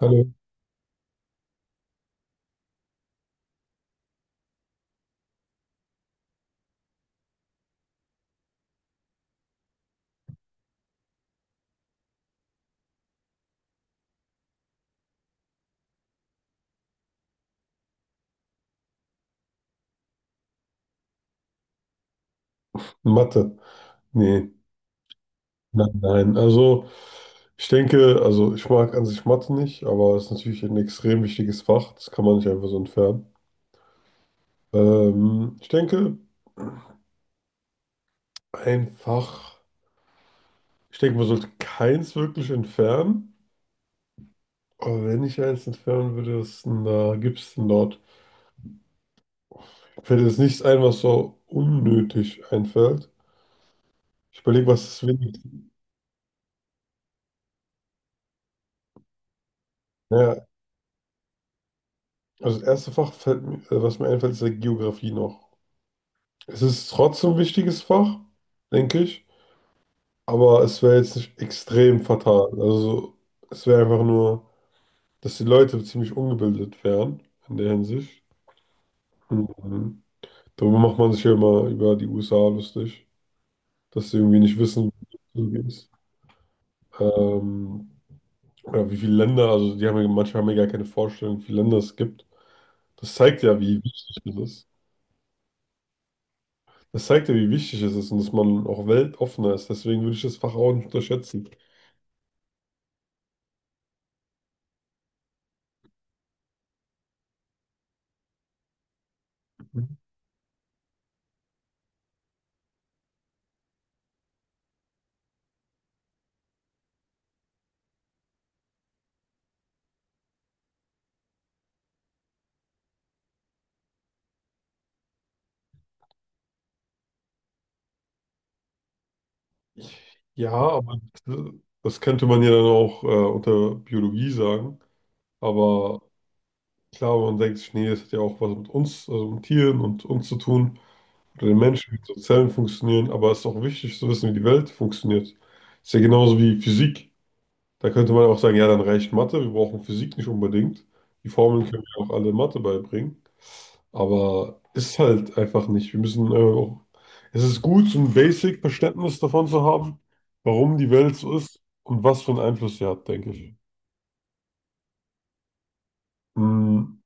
Hallo, Mathe. Nee, nein, nein. Also, ich denke, also ich mag an sich Mathe nicht, aber es ist natürlich ein extrem wichtiges Fach. Das kann man nicht einfach so entfernen. Ähm, ich denke, einfach, Ich denke, man sollte keins wirklich entfernen. Aber wenn ich eins entfernen würde, was denn da gibt es denn dort? Mir fällt jetzt nichts ein, was so unnötig einfällt. Ich überlege, was das wenigste. Naja, also das erste Fach, was mir einfällt, ist ja Geografie noch. Es ist trotzdem ein wichtiges Fach, denke ich. Aber es wäre jetzt nicht extrem fatal. Also es wäre einfach nur, dass die Leute ziemlich ungebildet wären in der Hinsicht. Mhm. Darüber macht man sich ja immer über die USA lustig, dass sie irgendwie nicht wissen, wie es so ist. Ähm, oder wie viele Länder, also die haben ja, manche haben ja gar keine Vorstellung, wie viele Länder es gibt. Das zeigt ja, wie wichtig es ist. Das zeigt ja, wie wichtig es ist und dass man auch weltoffener ist. Deswegen würde ich das Fach auch nicht unterschätzen. Ja, aber das könnte man ja dann auch unter Biologie sagen. Aber klar, man denkt sich, nee, das hat ja auch was mit uns, also mit Tieren und uns zu tun, oder den Menschen, wie unsere Zellen funktionieren. Aber es ist auch wichtig zu wissen, wie die Welt funktioniert. Ist ja genauso wie Physik. Da könnte man auch sagen, ja, dann reicht Mathe, wir brauchen Physik nicht unbedingt. Die Formeln können wir auch alle in Mathe beibringen. Aber ist halt einfach nicht. Wir müssen auch. Es ist gut, so ein Basic-Verständnis davon zu haben, warum die Welt so ist und was für einen Einfluss sie hat, denke ich. Mhm.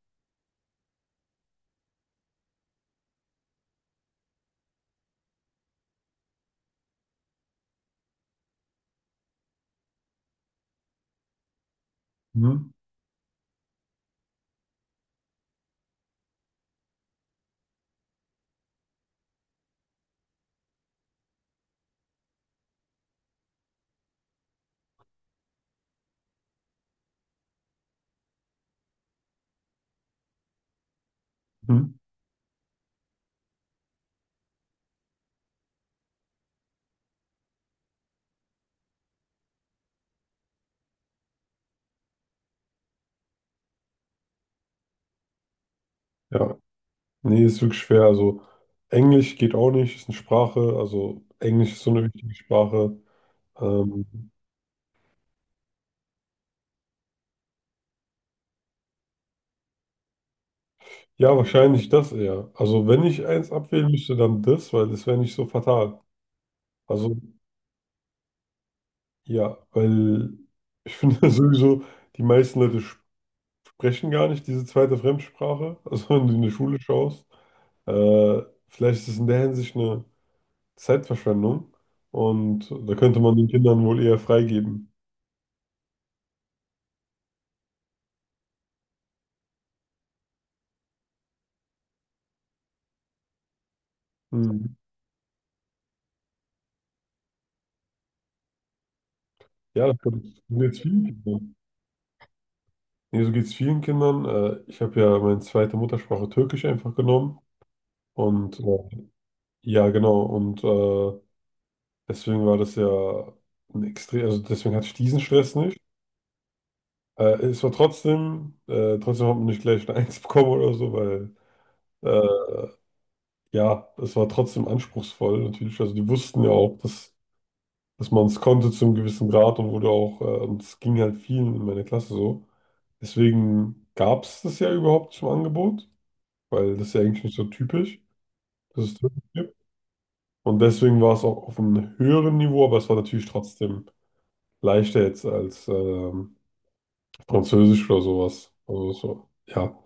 Mhm. Mhm. Ja, nee, ist wirklich schwer. Also, Englisch geht auch nicht, ist eine Sprache. Also, Englisch ist so eine wichtige Sprache. Ähm, ja, wahrscheinlich das eher. Also, wenn ich eins abwählen müsste, dann das, weil das wäre nicht so fatal. Also, ja, weil ich finde sowieso, die meisten Leute sprechen gar nicht diese zweite Fremdsprache. Also wenn du in die Schule schaust, äh, vielleicht ist es in der Hinsicht eine Zeitverschwendung und da könnte man den Kindern wohl eher freigeben. Hm. Ja, das geht so geht's vielen Kindern. Nee, so geht es vielen Kindern. Ich habe ja meine zweite Muttersprache Türkisch einfach genommen und ja, genau. Und deswegen war das ja also deswegen hatte ich diesen Stress nicht. Es war trotzdem hat man nicht gleich eine Eins bekommen oder so, weil äh, ja, es war trotzdem anspruchsvoll natürlich. Also die wussten ja auch, dass man es konnte zu einem gewissen Grad und wurde auch, und es ging halt vielen in meiner Klasse so. Deswegen gab es das ja überhaupt zum Angebot, weil das ist ja eigentlich nicht so typisch, dass es das gibt. Und deswegen war es auch auf einem höheren Niveau, aber es war natürlich trotzdem leichter jetzt als Französisch oder sowas. Also so, ja.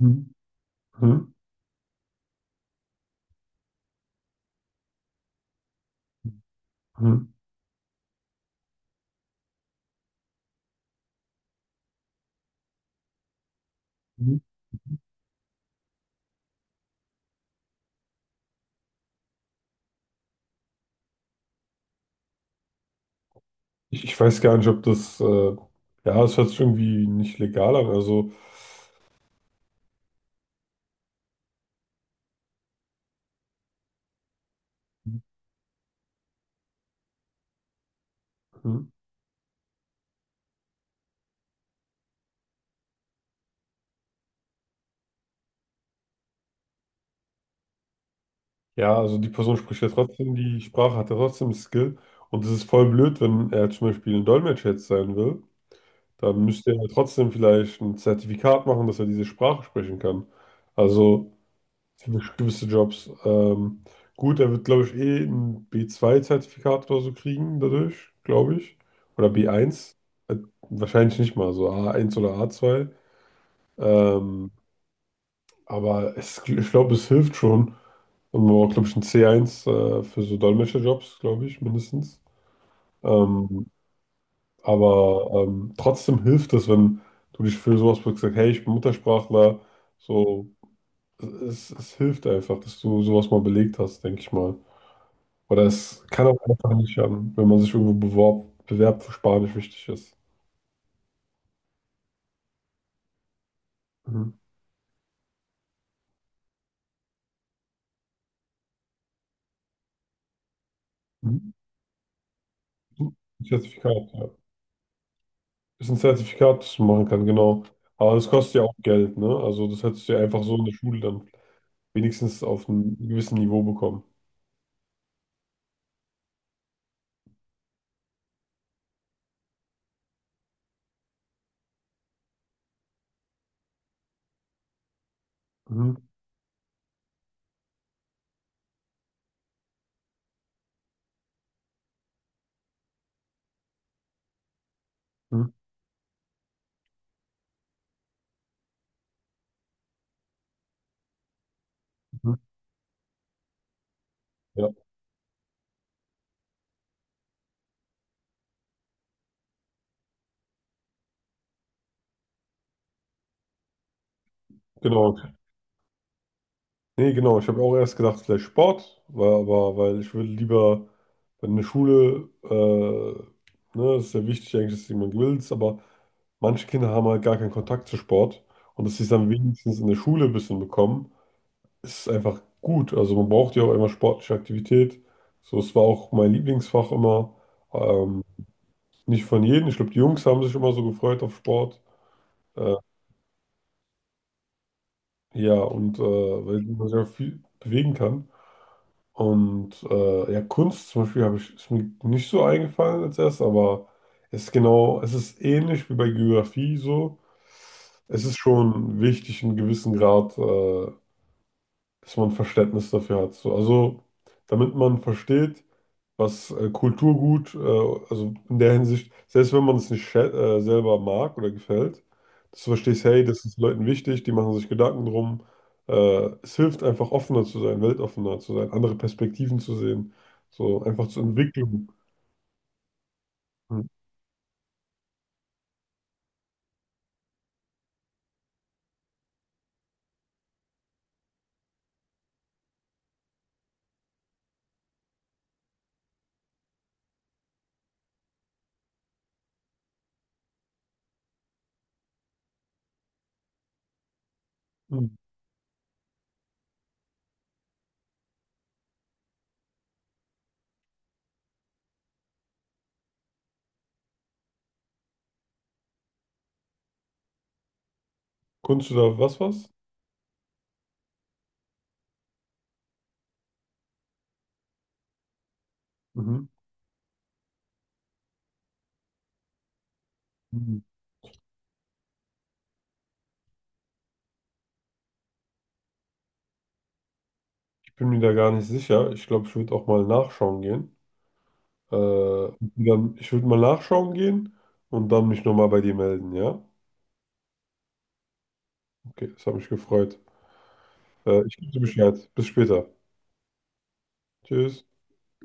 Hm. Hm. Hm. Ich weiß gar nicht, ob das, ja, es hört sich irgendwie nicht legal an. Also, hm, hm, ja, also die Person spricht ja trotzdem die Sprache, hat ja trotzdem Skill. Und es ist voll blöd, wenn er zum Beispiel ein Dolmetscher jetzt sein will, dann müsste er trotzdem vielleicht ein Zertifikat machen, dass er diese Sprache sprechen kann. Also für gewisse Jobs. Gut, er wird, glaube ich, eh ein B2 Zertifikat oder so kriegen dadurch, glaube ich. Oder B1. Äh, Wahrscheinlich nicht mal, so A1 oder A2. Ähm, Aber es, ich glaube, es hilft schon. Und man braucht, glaube ich, ein C1 für so Dolmetscherjobs, glaube ich, mindestens. Ähm, aber trotzdem hilft es, wenn du dich für sowas bewirbst, sagst, hey, ich bin Muttersprachler. So, es hilft einfach, dass du sowas mal belegt hast, denke ich mal. Oder es kann auch einfach nicht schaden, wenn man sich irgendwo bewerbt, wo Spanisch wichtig ist. Mhm. Mhm. Zertifikat, ja, ist ein Zertifikat, das man machen kann, genau. Aber das, ja, kostet ja auch Geld, ne? Also das hättest du ja einfach so in der Schule dann wenigstens auf einem gewissen Niveau bekommen. Mhm. Mhm. Mhm. Ja, genau. Nee, genau. Ich habe auch erst gedacht, vielleicht Sport, weil ich würde lieber, wenn eine Schule, ne, ist ja wichtig eigentlich, dass jemand will, aber manche Kinder haben halt gar keinen Kontakt zu Sport und dass sie es dann wenigstens in der Schule ein bisschen bekommen. Ist einfach gut. Also man braucht ja auch immer sportliche Aktivität. So, es war auch mein Lieblingsfach immer. Ähm, Nicht von jedem. Ich glaube, die Jungs haben sich immer so gefreut auf Sport. Äh, ja, und weil man sich auch viel bewegen kann. Und ja, Kunst zum Beispiel habe ich, ist mir nicht so eingefallen als erst, aber es ist genau, es ist ähnlich wie bei Geografie so. Es ist schon wichtig, einen gewissen Grad, dass man Verständnis dafür hat. So, also, damit man versteht, was Kulturgut, also in der Hinsicht, selbst wenn man es nicht selber mag oder gefällt, dass du verstehst, hey, das ist Leuten wichtig, die machen sich Gedanken drum. Es hilft einfach offener zu sein, weltoffener zu sein, andere Perspektiven zu sehen, so einfach zur Entwicklung. Mhm. Mhm. Kunst oder was? Mhm. Mhm. Ich bin mir da gar nicht sicher. Ich glaube, ich würde auch mal nachschauen gehen. Und dann, ich würde mal nachschauen gehen und dann mich nochmal bei dir melden, ja? Okay, das hat mich gefreut. Ich gebe dir Bescheid. Bis später. Tschüss.